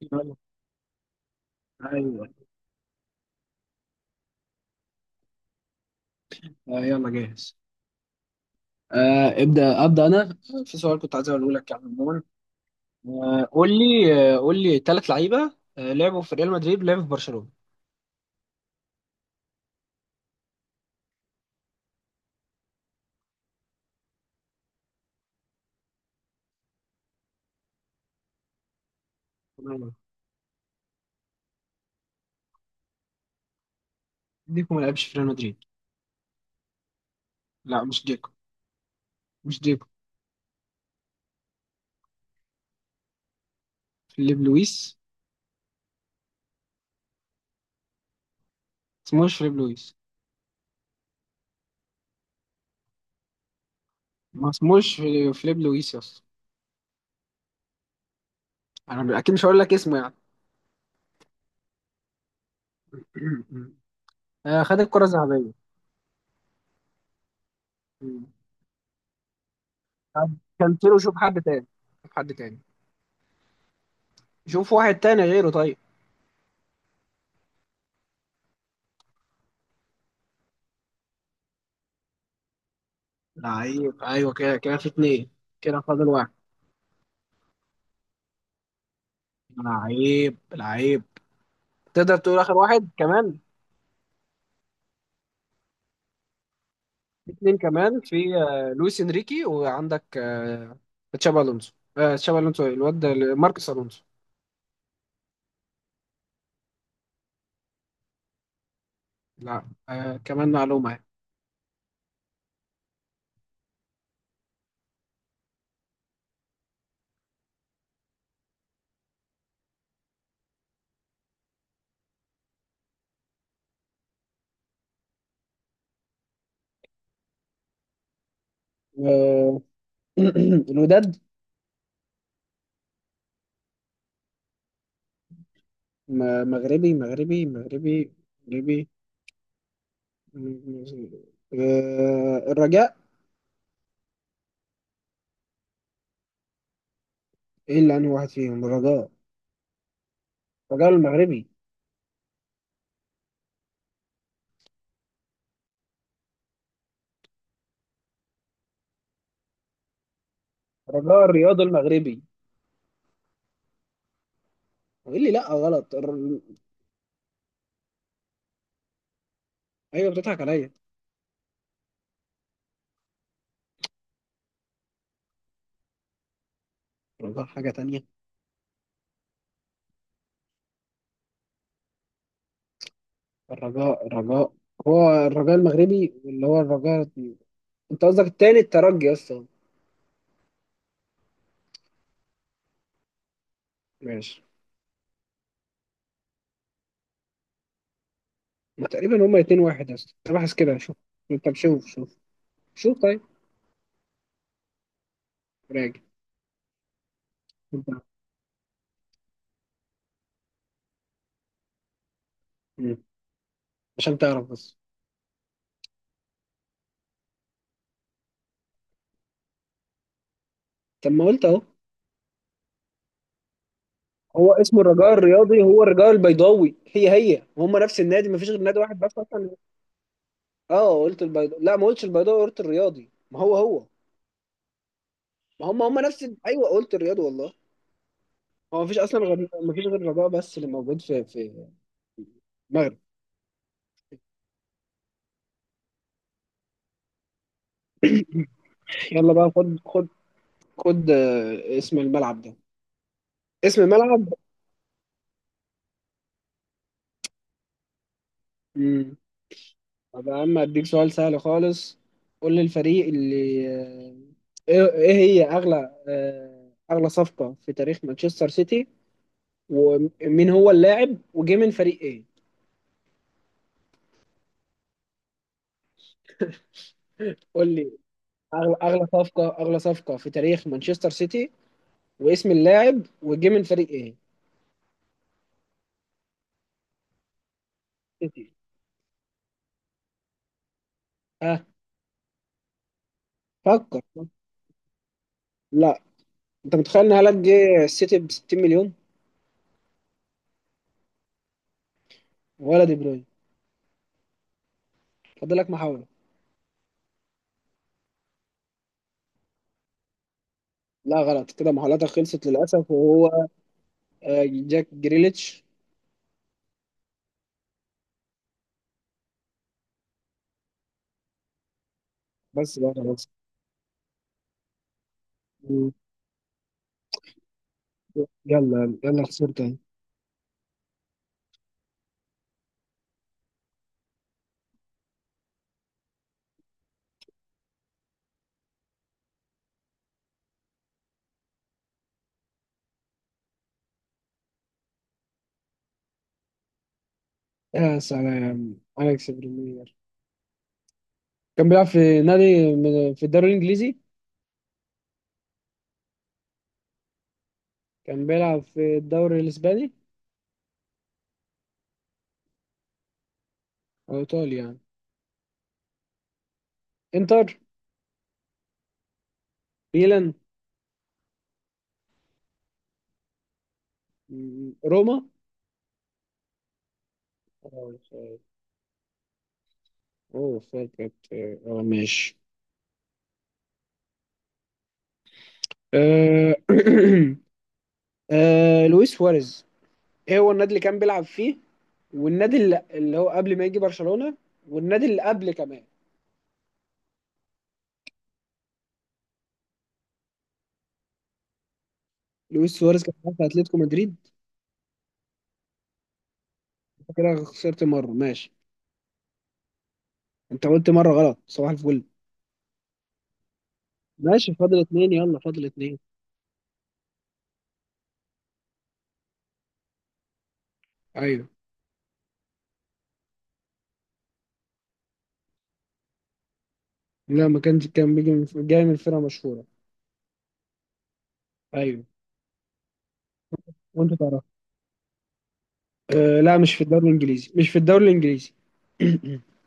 يلا. ايوه. آه يلا جاهز. آه ابدا انا. في سؤال كنت عايز اقوله لك يعني عموما. آه قول لي، قول لي ثلاث لعيبه، لعبوا في ريال مدريد، لعبوا في برشلونه. تمام. ديكو ما لعبش في ريال مدريد. لا مش ديكو. مش ديكو. فيليب لويس. اسمهوش فيليب لويس. ما اسمهوش فيليب لويس يا اسطى. انا اكيد مش هقول لك اسمه يعني. آه خد الكره الذهبيه. مم. طب كان تيرو، شوف حد تاني. شوف حد تاني. شوف واحد تاني غيره طيب. لعيب، ايوه كده كده في اتنين. كده فاضل واحد. لعيب لعيب. تقدر تقول اخر واحد كمان. في اتنين كمان، في لويس انريكي، وعندك تشابي الونسو، تشابي الونسو إيه؟ ماركوس الونسو. لا آه كمان معلومه يعني. آه، الوداد. مغربي مغربي مغربي. مغربي. آه الرجاء. ايه اللي انهي واحد فيهم؟ الرجاء. الرجاء المغربي. الرجاء الرياض المغربي. قال لي لا غلط. ايوه بتضحك عليا. الرجاء حاجه تانية. الرجاء الرجاء هو الرجاء المغربي، واللي هو الرجاء. انت قصدك التاني الترجي اصلا. ماشي. ما تقريبا هما اتنين واحد اصلا، أنا بحث كده شوف. طب شوف شوف. شوف طيب. راجع. انت- مم. عشان تعرف بس. طب ما قلت اهو. هو اسمه الرجاء الرياضي، هو الرجاء البيضاوي، هي هي، وهم نفس النادي، ما فيش غير نادي واحد بس اصلا. اه قلت البيضاوي. لا ما قلتش البيضاوي، قلت الرياضي، ما هو هو. ما هم هم ايوه قلت الرياضي والله. هو مفيش اصلا غير، مفيش غير الرجاء بس اللي موجود في المغرب. يلا بقى خد خد. خد اسم الملعب ده. اسم الملعب. امم. طب يا عم اديك سؤال سهل خالص. قول لي الفريق اللي آه، ايه إيه هي اغلى اغلى صفقة في تاريخ مانشستر سيتي، ومين هو اللاعب وجه من فريق ايه؟ قول لي اغلى، اغلى صفقة، اغلى صفقة في تاريخ مانشستر سيتي، واسم اللاعب وجه من فريق ايه؟ سيتي. ها. فكر. لا. انت متخيل ان هالاند جه السيتي ب 60 مليون؟ ولا دي بروين. فاضل لك محاوله. لا غلط كده، محاولاتك خلصت للاسف. وهو جاك جريليتش. بس بقى خلاص. مم. يلا يلا، خسرت تاني. يا سلام اليكس بريمير. كان بيلعب في نادي في الدوري الانجليزي. كان بيلعب في الدوري الاسباني. او ايطالي يعني. انتر. ميلان. روما. اه، فا- اوه فاكر اه، ماشي. آه، لويس سواريز، ايه هو النادي اللي كان بيلعب فيه، والنادي اللي هو قبل ما يجي برشلونة، والنادي اللي قبل كمان. لويس سواريز كان بيلعب في اتلتيكو مدريد. أنت كده خسرت مرة، ماشي. انت قلت مرة غلط، صباح الفل. ماشي، فاضل اتنين. يلا فاضل اتنين. ايوه. لا ما كانش، كان بيجي من، جاي من فرقة مشهورة. ايوه. وانت تعرف. أه لا مش في الدوري الانجليزي، مش في الدوري الانجليزي.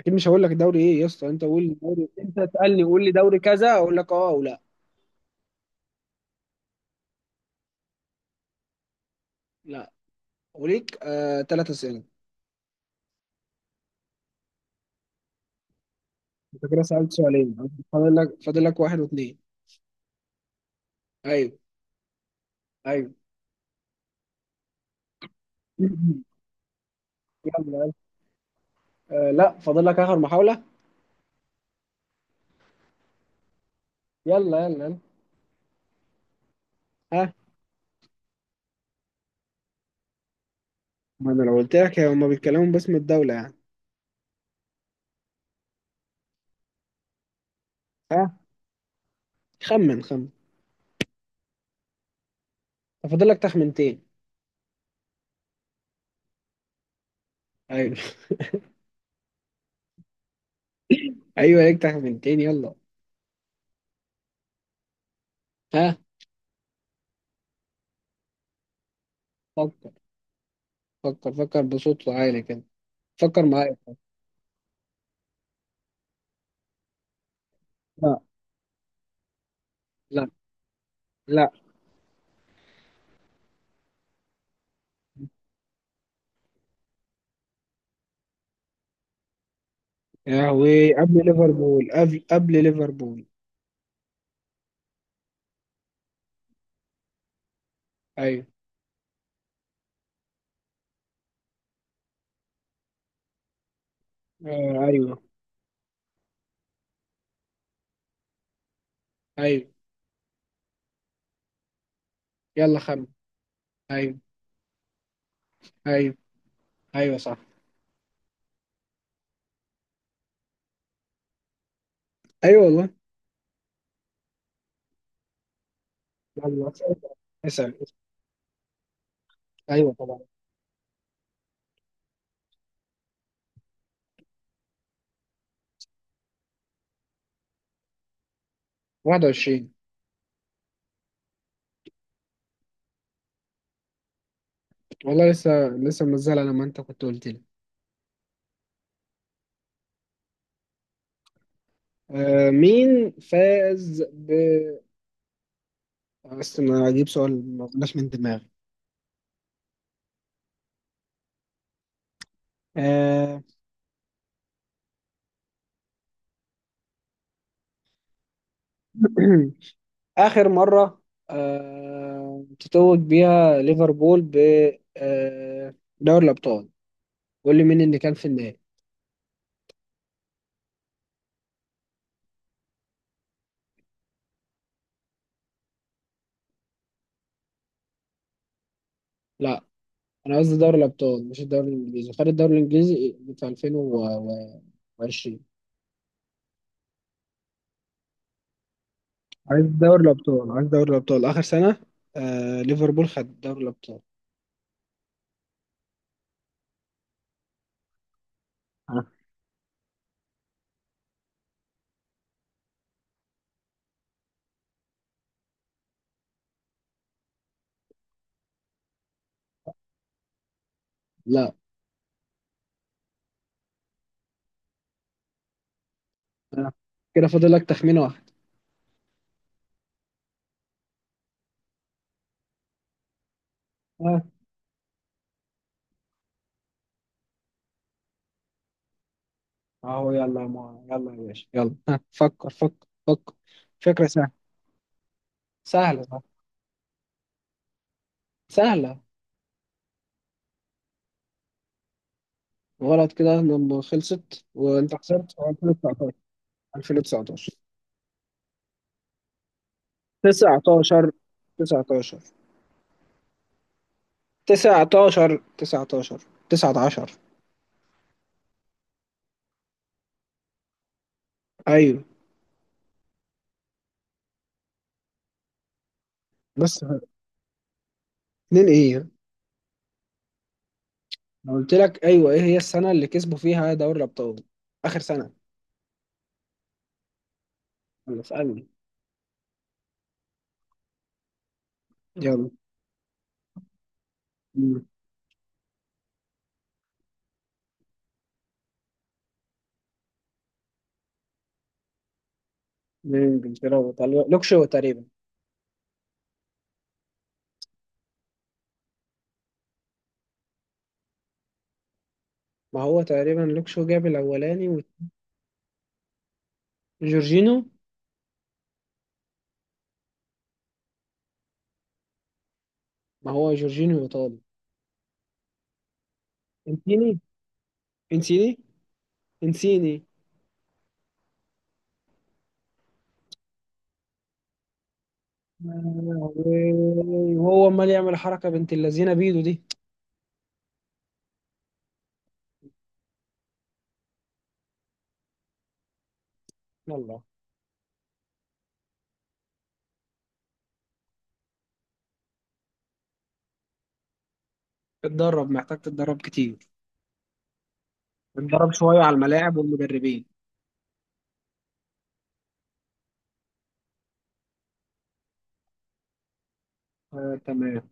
اكيد مش هقول لك الدوري ايه يا اسطى، انت قول لي دوري، انت تسالني قول لي دوري كذا اقول لك اه او لا. لا. وليك آه ثلاث اسئله. انت كده سألت سؤالين. فاضل لك واحد واثنين. ايوه. ايوه. يلا يلا. آه لا، فاضل لك اخر محاولة. يلا يلا يلا. ها. ما انا لو قلت لك هما بيتكلموا باسم الدولة يعني. ها. خمن خمن. فاضل لك تخمنتين. ايوه. ايوه ليك تخمنتين، يلا. ها. فكر. فكر فكر بصوت عالي كده. فكر معايا. لا. لا. لا يا هوي، قبل ليفربول، قبل ليفربول. ايوه. آه ايوه. ايوه. يلا خمن. ايوه. ايوه. ايوه صح. ايوه والله. يلا اسأل. اسأل اسأل. أيوه طبعا. 21. والله لسه لسه منزلها لما أنت كنت قلت لي. آه مين فاز ب، بس ما أجيب سؤال ما طلعش من دماغي. آه. آخر مرة تتوج بيها ليفربول ب آه دوري الأبطال. قول لي مين اللي كان في النهائي. لا أنا قصدي دوري الأبطال، مش الدوري الإنجليزي. خد الدوري الإنجليزي في 2020. عايز دوري الابطال، عايز دوري الابطال اخر سنه. آه ليفربول خد دوري الابطال. آه. لا. آه. كده فاضل لك تخمينه واحد. آه. اهو يلا يا مو. يلا يا باشا يلا آه. فكر فكر فكر. فكره سهله. سهله، صح؟ سهله. غلط كده لما خلصت، وانت خسرت. هو 2019. 2019. 19. 19. 19. 19. 19. ايوه. بس. اتنين ايه؟ أنا قلت لك ايوه، ايه هي السنه اللي كسبوا فيها دوري الابطال اخر سنه. يلا اسالني. يلا. مم. مين، انجلترا وايطاليا لوكشو تقريبا. ما هو تقريبا لوكشو جاب الاولاني. وجورجينو. ما هو جورجينو ايطالي. انسيني. انسيني. انسيني. وهو امال يعمل حركه بنت اللذينه بيدو دي. يلا. اتدرب، محتاج تتدرب كتير. اتدرب شويه على الملاعب والمدربين. آه تمام.